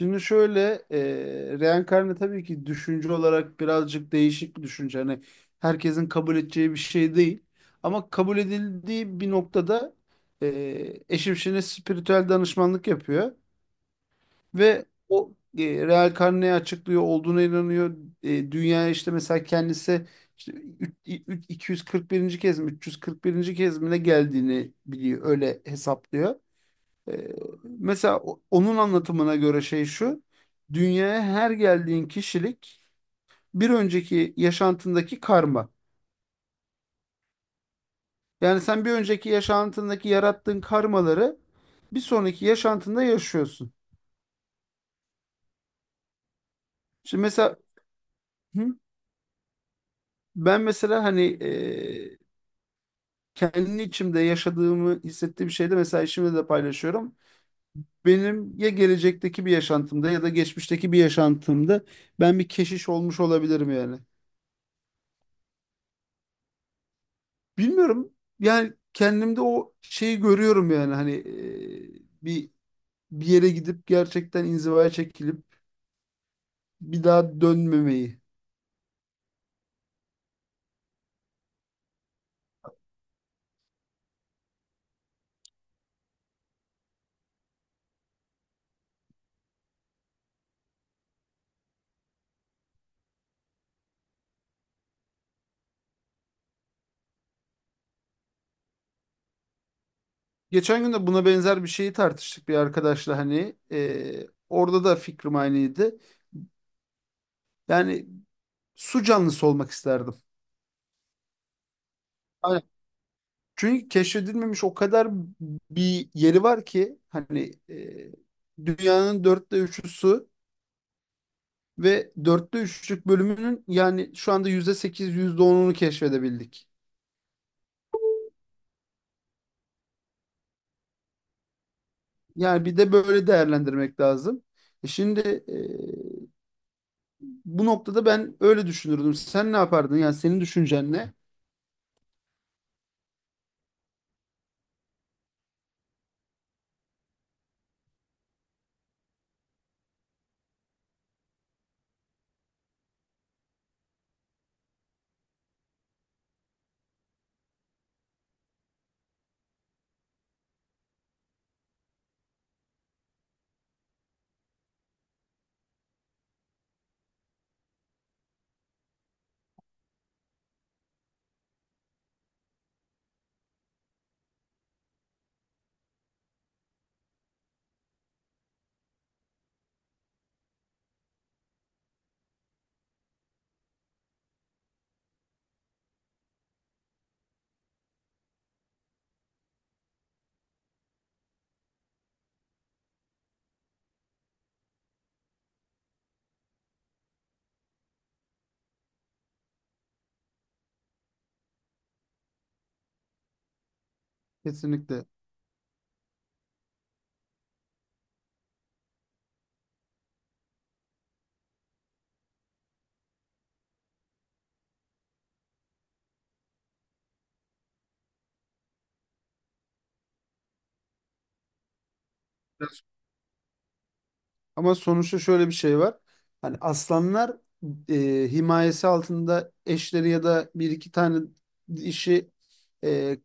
Şimdi şöyle reenkarne tabii ki düşünce olarak birazcık değişik bir düşünce. Hani herkesin kabul edeceği bir şey değil. Ama kabul edildiği bir noktada eşim şimdi spiritüel danışmanlık yapıyor. Ve o reenkarneyi açıklıyor, olduğuna inanıyor. Dünyaya işte mesela kendisi işte 241. kez mi 341. kez mi ne geldiğini biliyor. Öyle hesaplıyor. Ee, Mesela onun anlatımına göre şey şu. Dünyaya her geldiğin kişilik bir önceki yaşantındaki karma. Yani sen bir önceki yaşantındaki yarattığın karmaları bir sonraki yaşantında yaşıyorsun. Şimdi mesela hı, ben mesela hani kendi içimde yaşadığımı hissettiğim şeyde mesela işimde de paylaşıyorum. Benim ya gelecekteki bir yaşantımda ya da geçmişteki bir yaşantımda ben bir keşiş olmuş olabilirim yani. Bilmiyorum. Yani kendimde o şeyi görüyorum yani hani bir yere gidip gerçekten inzivaya çekilip bir daha dönmemeyi. Geçen gün de buna benzer bir şeyi tartıştık bir arkadaşla hani orada da fikrim aynıydı. Yani su canlısı olmak isterdim. Aynen. Çünkü keşfedilmemiş o kadar bir yeri var ki hani dünyanın dörtte üçü su. Ve dörtte üçlük bölümünün yani şu anda yüzde sekiz yüzde onunu keşfedebildik. Yani bir de böyle değerlendirmek lazım. E şimdi, e, bu noktada ben öyle düşünürdüm. Sen ne yapardın? Yani senin düşüncen ne? Kesinlikle. Ama sonuçta şöyle bir şey var. Hani aslanlar himayesi altında eşleri ya da bir iki tane dişi e,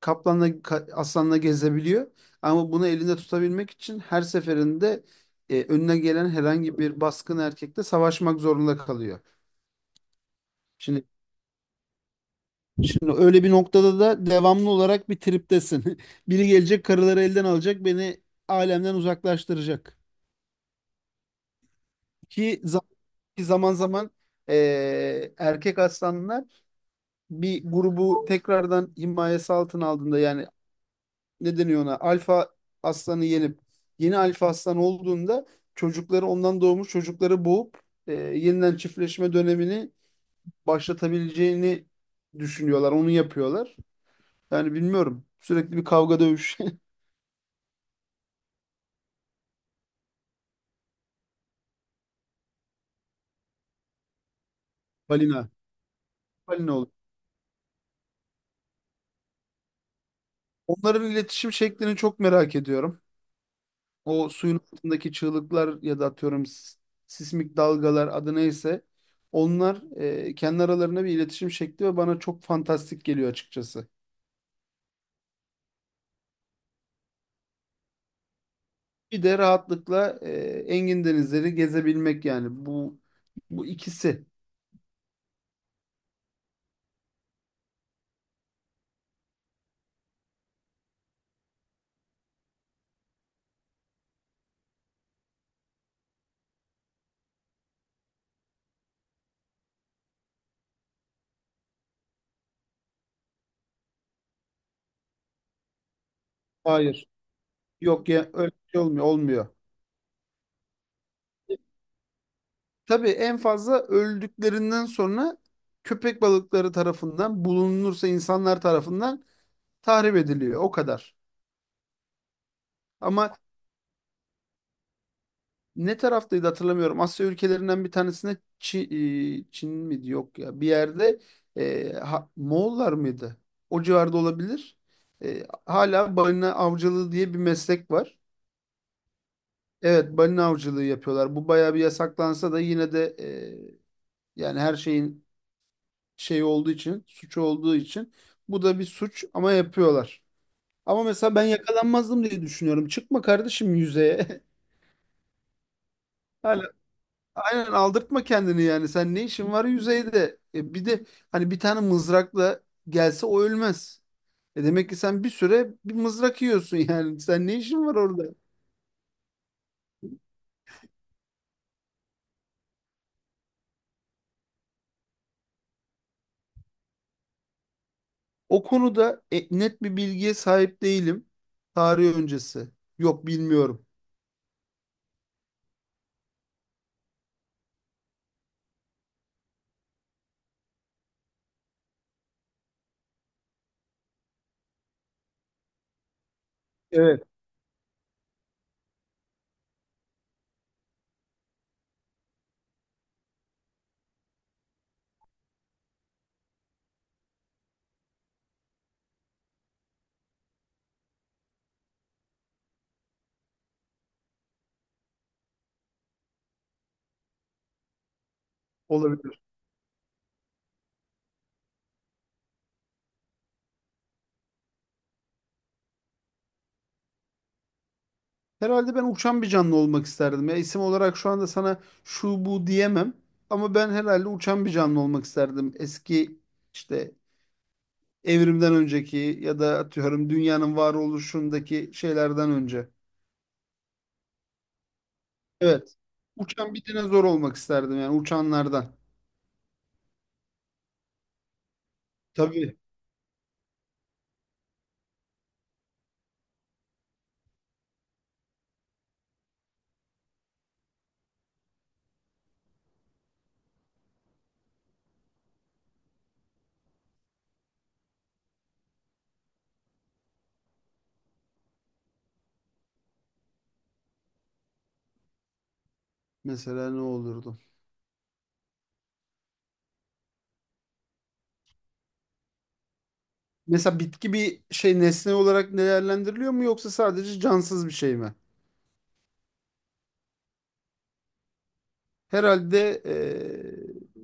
aslanla gezebiliyor. Ama bunu elinde tutabilmek için her seferinde önüne gelen herhangi bir baskın erkekle savaşmak zorunda kalıyor. Şimdi şimdi öyle bir noktada da devamlı olarak bir triptesin. Biri gelecek karıları elden alacak, beni alemden uzaklaştıracak. Ki Ki zaman zaman erkek aslanlar bir grubu tekrardan himayesi altına aldığında yani ne deniyor ona alfa aslanı yenip yeni alfa aslan olduğunda ondan doğmuş çocukları boğup yeniden çiftleşme dönemini başlatabileceğini düşünüyorlar. Onu yapıyorlar. Yani bilmiyorum. Sürekli bir kavga dövüş. Balina. Balina olur. Onların iletişim şeklini çok merak ediyorum. O suyun altındaki çığlıklar ya da atıyorum sismik dalgalar adı neyse onlar kendi aralarında bir iletişim şekli ve bana çok fantastik geliyor açıkçası. Bir de rahatlıkla engin denizleri gezebilmek yani bu ikisi. Hayır. Yok ya öyle bir şey olmuyor. Olmuyor. Tabii en fazla öldüklerinden sonra köpek balıkları tarafından bulunursa insanlar tarafından tahrip ediliyor. O kadar. Ama ne taraftaydı hatırlamıyorum. Asya ülkelerinden bir tanesine Çin, Çin miydi? Yok ya. Bir yerde Moğollar mıydı? O civarda olabilir. E, hala balina avcılığı diye bir meslek var. Evet balina avcılığı yapıyorlar. Bu bayağı bir yasaklansa da yine de yani her şeyin şey olduğu için, suç olduğu için bu da bir suç ama yapıyorlar. Ama mesela ben yakalanmazdım diye düşünüyorum. Çıkma kardeşim yüzeye. Hala, aynen aldırtma kendini yani. Sen ne işin var yüzeyde? E bir de hani bir tane mızrakla gelse o ölmez. E demek ki sen bir süre bir mızrak yiyorsun yani. Sen ne işin var orada? O konuda net bir bilgiye sahip değilim. Tarih öncesi. Yok bilmiyorum. Evet. Olabilir. Herhalde ben uçan bir canlı olmak isterdim. Ya isim olarak şu anda sana şu bu diyemem. Ama ben herhalde uçan bir canlı olmak isterdim. Eski işte evrimden önceki ya da atıyorum dünyanın varoluşundaki şeylerden önce. Evet. Uçan bir dinozor olmak isterdim yani uçanlardan. Tabii. Mesela ne olurdu? Mesela bitki bir şey nesne olarak değerlendiriliyor mu yoksa sadece cansız bir şey mi? Herhalde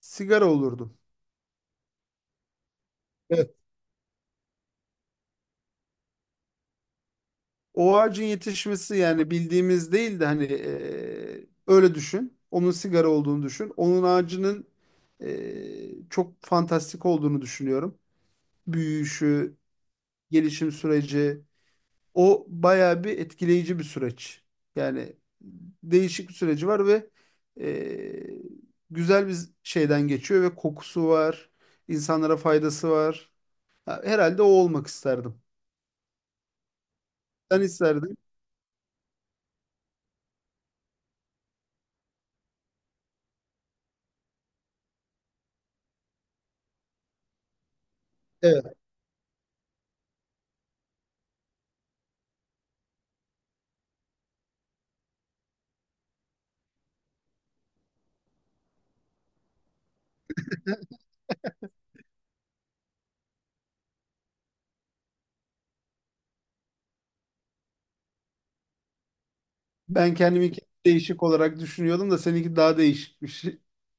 sigara olurdum. O ağacın yetişmesi yani bildiğimiz değil de hani öyle düşün. Onun sigara olduğunu düşün. Onun ağacının çok fantastik olduğunu düşünüyorum. Büyüyüşü, gelişim süreci. O bayağı bir etkileyici bir süreç. Yani değişik bir süreci var ve e, güzel bir şeyden geçiyor ve kokusu var. İnsanlara faydası var. Ha, herhalde o olmak isterdim. Sen isterdin. Evet. Ben kendimi değişik olarak düşünüyordum da seninki daha değişikmiş.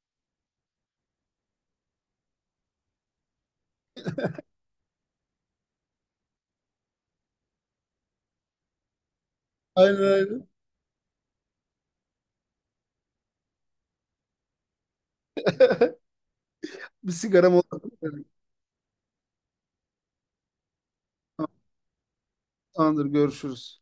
Aynen, aynen. Bir sigaram oldu. Tamam, tamamdır, görüşürüz.